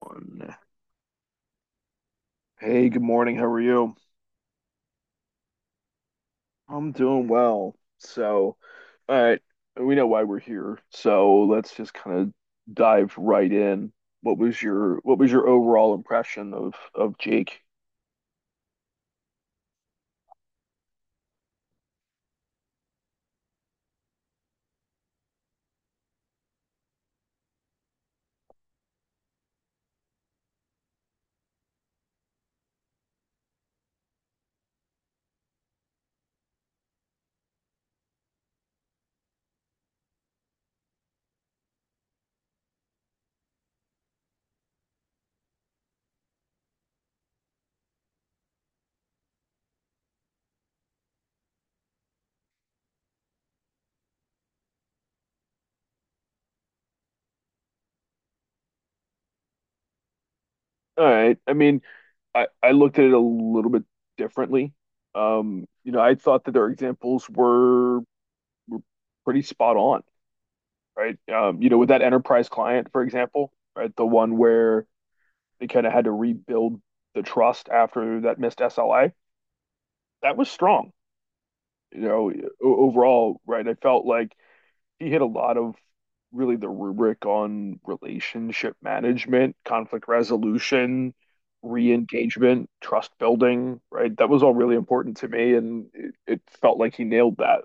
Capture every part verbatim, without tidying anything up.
One. Hey, good morning. How are you? I'm doing well. So, all right, we know why we're here, so let's just kind of dive right in. What was your what was your overall impression of of Jake? All right. I mean, I I looked at it a little bit differently. Um, you know, I thought that their examples were were pretty spot on, right? Um, you know, with that enterprise client, for example, right? The one where they kind of had to rebuild the trust after that missed S L A. That was strong, you know. Overall, right? I felt like he hit a lot of really the rubric on relationship management, conflict resolution, re-engagement, trust building, right? That was all really important to me, and it, it felt like he nailed that.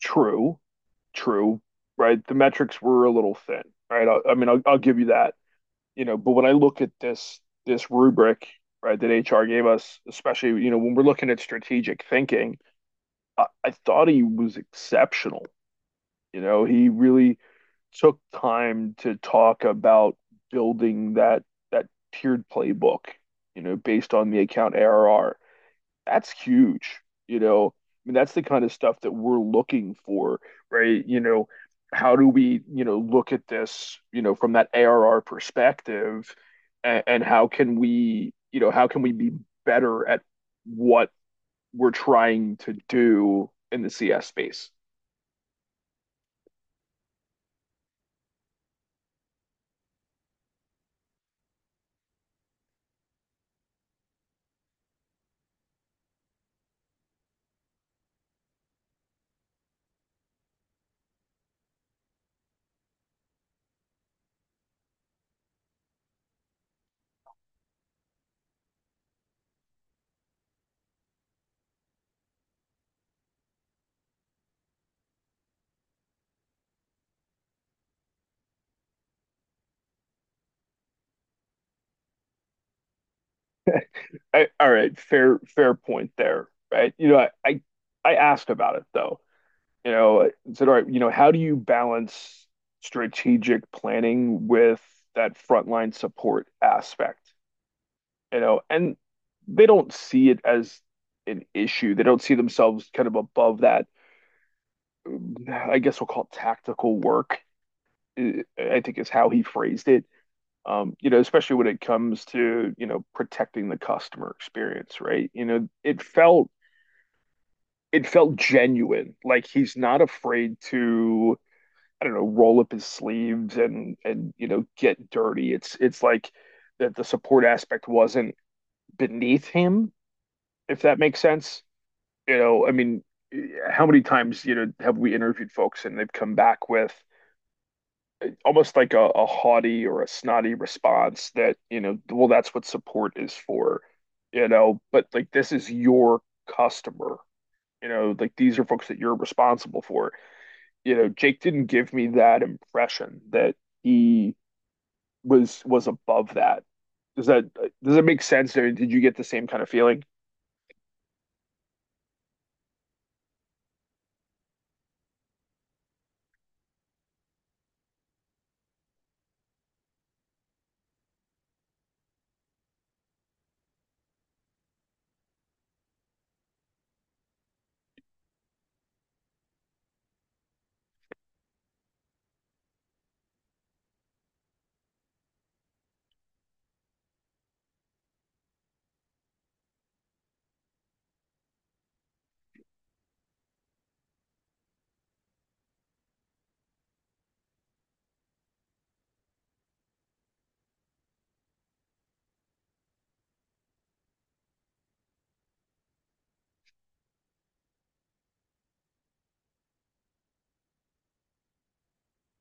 True, true, right? The metrics were a little thin, right? I, I mean, I'll, I'll give you that. You know, but when I look at this this rubric, right, that H R gave us, especially, you know, when we're looking at strategic thinking, I, I thought he was exceptional. You know, he really took time to talk about building that that tiered playbook, you know, based on the account A R R. That's huge. You know, I mean, that's the kind of stuff that we're looking for, right? You know, how do we, you know, look at this, you know, from that A R R perspective, and, and how can we, you know, how can we be better at what we're trying to do in the C S space? I, all right, fair fair point there, right? You know, I, I I asked about it, though. You know, I said, all right, you know, how do you balance strategic planning with that frontline support aspect? You know, and they don't see it as an issue. They don't see themselves kind of above that. I guess we'll call it tactical work. eh, I think is how he phrased it. Um, you know, especially when it comes to, you know, protecting the customer experience, right? You know, it felt it felt genuine. Like he's not afraid to, I don't know, roll up his sleeves and and you know get dirty. It's it's like that the support aspect wasn't beneath him, if that makes sense. You know, I mean, eh, how many times you know have we interviewed folks and they've come back with almost like a, a haughty or a snotty response that, you know, well, that's what support is for, you know. But like this is your customer, you know, like these are folks that you're responsible for. You know, Jake didn't give me that impression that he was was above that. Does that, does it make sense? Or did you get the same kind of feeling?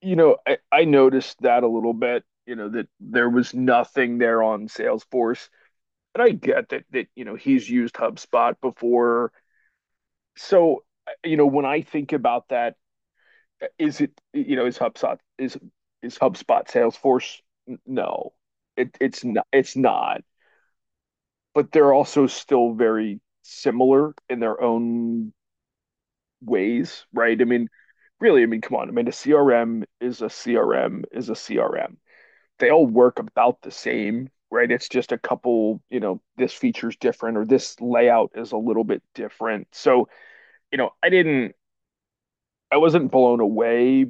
You know, I, I noticed that a little bit. You know that there was nothing there on Salesforce, and I get that that you know he's used HubSpot before. So you know when I think about that, is it, you know, is HubSpot is is HubSpot Salesforce? No, it it's not. It's not. But they're also still very similar in their own ways, right? I mean, really, I mean, come on. I mean, a C R M is a C R M is a C R M. They all work about the same, right? It's just a couple, you know, this feature's different or this layout is a little bit different. So, you know, I didn't, I wasn't blown away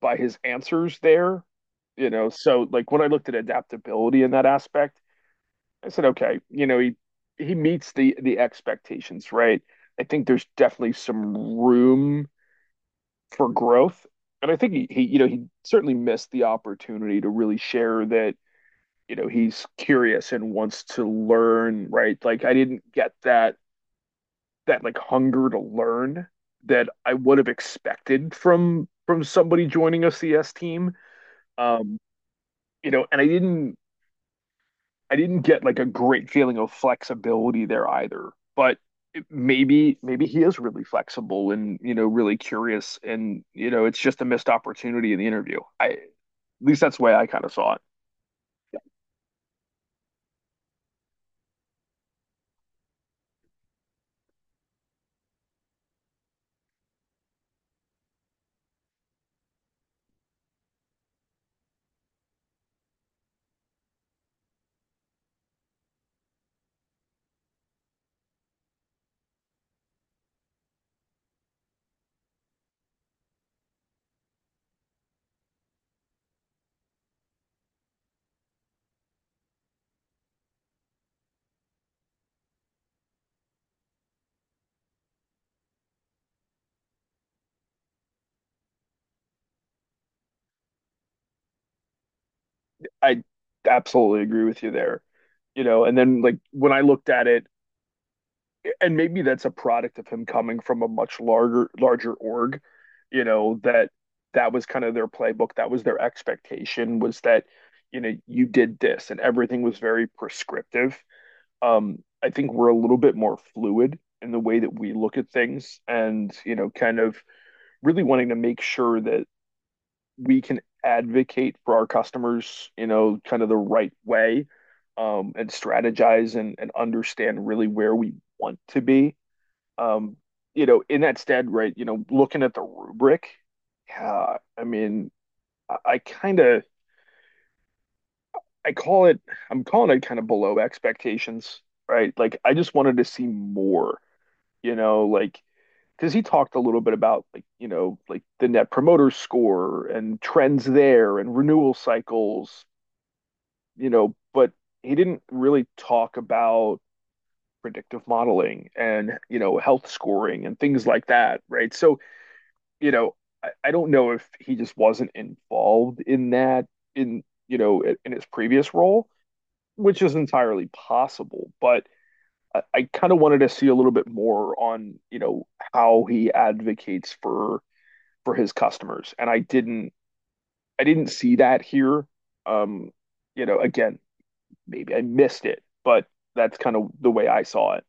by his answers there, you know. So, like when I looked at adaptability in that aspect, I said, okay, you know, he he meets the the expectations, right? I think there's definitely some room for growth. And I think he, he, you know, he certainly missed the opportunity to really share that, you know, he's curious and wants to learn, right? Like I didn't get that that like hunger to learn that I would have expected from from somebody joining a C S team. Um, you know, and I didn't I didn't get like a great feeling of flexibility there either. But maybe maybe he is really flexible and you know really curious and you know it's just a missed opportunity in the interview. I, at least that's the way I kind of saw it. Yeah. I absolutely agree with you there. You know, and then like when I looked at it, and maybe that's a product of him coming from a much larger larger org, you know, that that was kind of their playbook, that was their expectation was that, you know, you did this and everything was very prescriptive. Um, I think we're a little bit more fluid in the way that we look at things and, you know, kind of really wanting to make sure that we can advocate for our customers, you know, kind of the right way, um, and strategize and, and understand really where we want to be. Um, you know, in that stead, right, you know, looking at the rubric, yeah, I mean, I, I kind of, I call it, I'm calling it kind of below expectations, right? Like, I just wanted to see more, you know, like, because he talked a little bit about like you know like the net promoter score and trends there and renewal cycles, you know, but he didn't really talk about predictive modeling and, you know, health scoring and things like that, right? So, you know, I, I don't know if he just wasn't involved in that in, you know, in, his previous role, which is entirely possible, but I, I kind of wanted to see a little bit more on, you know, how he advocates for for his customers. And I didn't I didn't see that here. Um, you know, again, maybe I missed it, but that's kind of the way I saw it.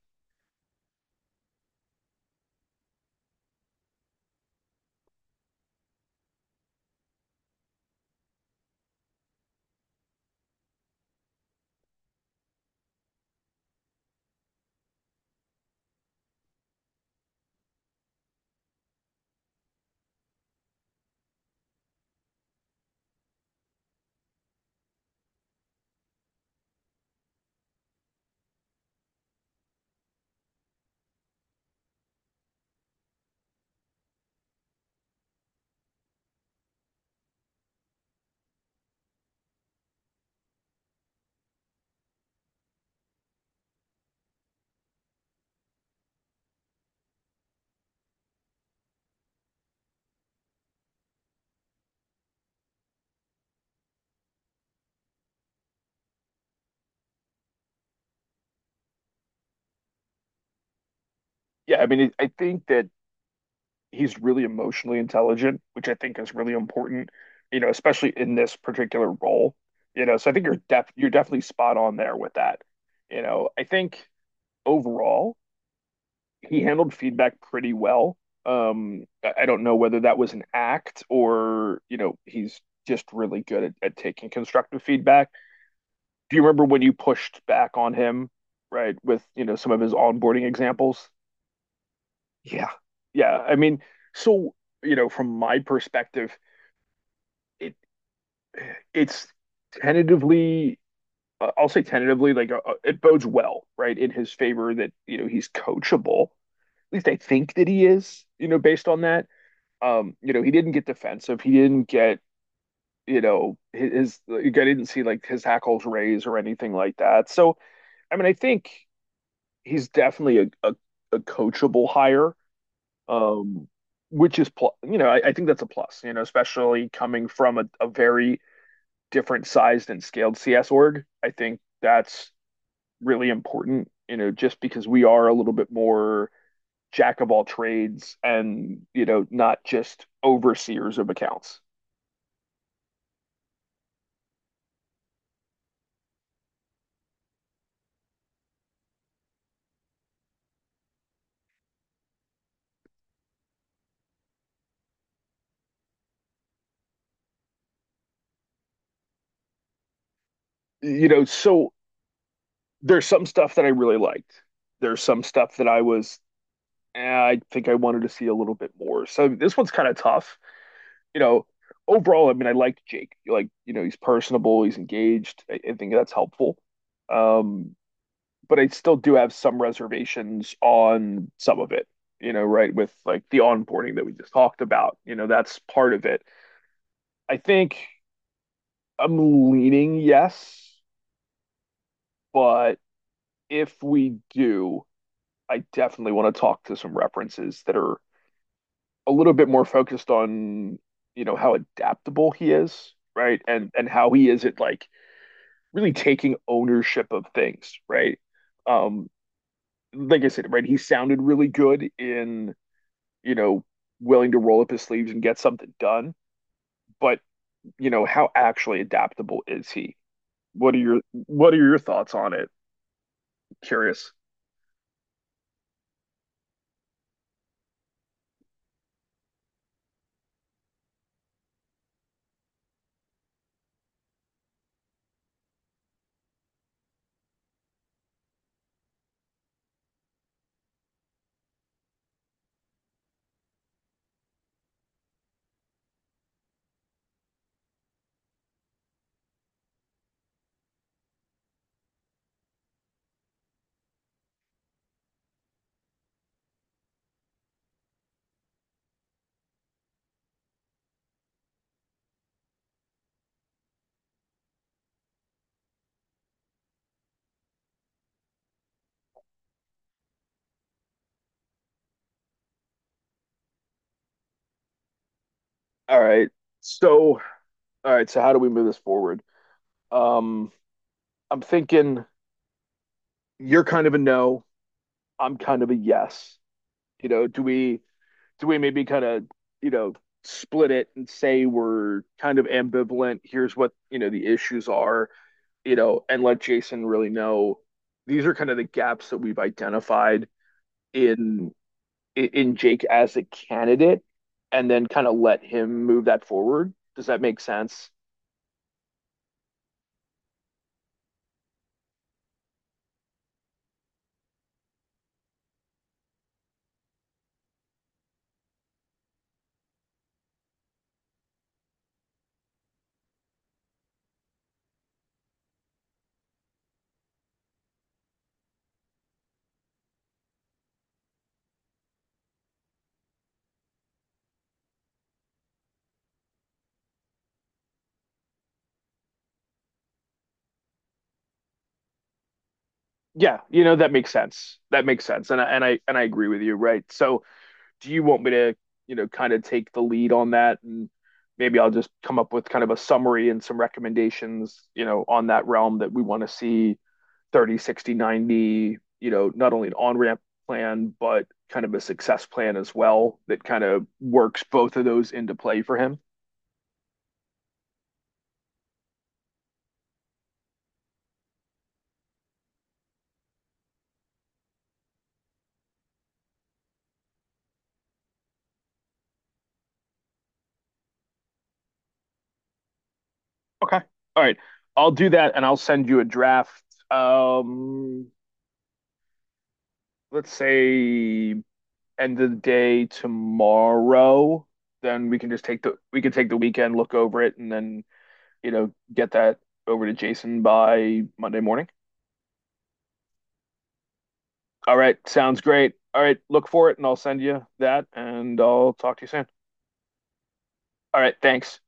Yeah, I mean, I think that he's really emotionally intelligent, which I think is really important, you know, especially in this particular role, you know. So I think you're def you're definitely spot on there with that. You know, I think overall he handled feedback pretty well. Um, I I don't know whether that was an act or, you know, he's just really good at, at taking constructive feedback. Do you remember when you pushed back on him, right, with, you know, some of his onboarding examples? Yeah. Yeah. I mean, so, you know, from my perspective, it it's tentatively, uh, I'll say tentatively, like uh, uh, it bodes well, right, in his favor that, you know, he's coachable. At least I think that he is, you know, based on that. Um, you know, he didn't get defensive. He didn't get, you know, his, his like, I didn't see like his hackles raise or anything like that. So, I mean, I think he's definitely a, a, a coachable hire, um, which is, pl- you know, I, I think that's a plus, you know, especially coming from a, a very different sized and scaled C S org. I think that's really important, you know, just because we are a little bit more jack of all trades and, you know, not just overseers of accounts. You know, so there's some stuff that I really liked. There's some stuff that I was, eh, I think I wanted to see a little bit more. So this one's kind of tough, you know. Overall, I mean, I liked Jake. Like, you know, he's personable, he's engaged. I, I think that's helpful. Um, but I still do have some reservations on some of it, you know, right? With like the onboarding that we just talked about, you know, that's part of it. I think I'm leaning yes, but if we do, I definitely want to talk to some references that are a little bit more focused on, you know, how adaptable he is, right? And and how he isn't like really taking ownership of things, right? Um, like I said, right, he sounded really good in, you know, willing to roll up his sleeves and get something done, but you know, how actually adaptable is he? What are your what are your thoughts on it? Curious. All right. So, all right, so how do we move this forward? Um, I'm thinking you're kind of a no, I'm kind of a yes. You know, do we do we maybe kind of, you know, split it and say we're kind of ambivalent. Here's what, you know, the issues are, you know, and let Jason really know these are kind of the gaps that we've identified in in Jake as a candidate, and then kind of let him move that forward. Does that make sense? Yeah, you know, that makes sense, that makes sense. And I, and i and i agree with you, right? So do you want me to, you know, kind of take the lead on that? And maybe I'll just come up with kind of a summary and some recommendations, you know, on that realm that we want to see thirty, sixty, ninety, you know, not only an on ramp plan, but kind of a success plan as well that kind of works both of those into play for him. Okay. All right. I'll do that and I'll send you a draft. Um, let's say end of the day tomorrow, then we can just take the we can take the weekend, look over it, and then you know get that over to Jason by Monday morning. All right, sounds great. All right, look for it, and I'll send you that, and I'll talk to you soon. All right, thanks.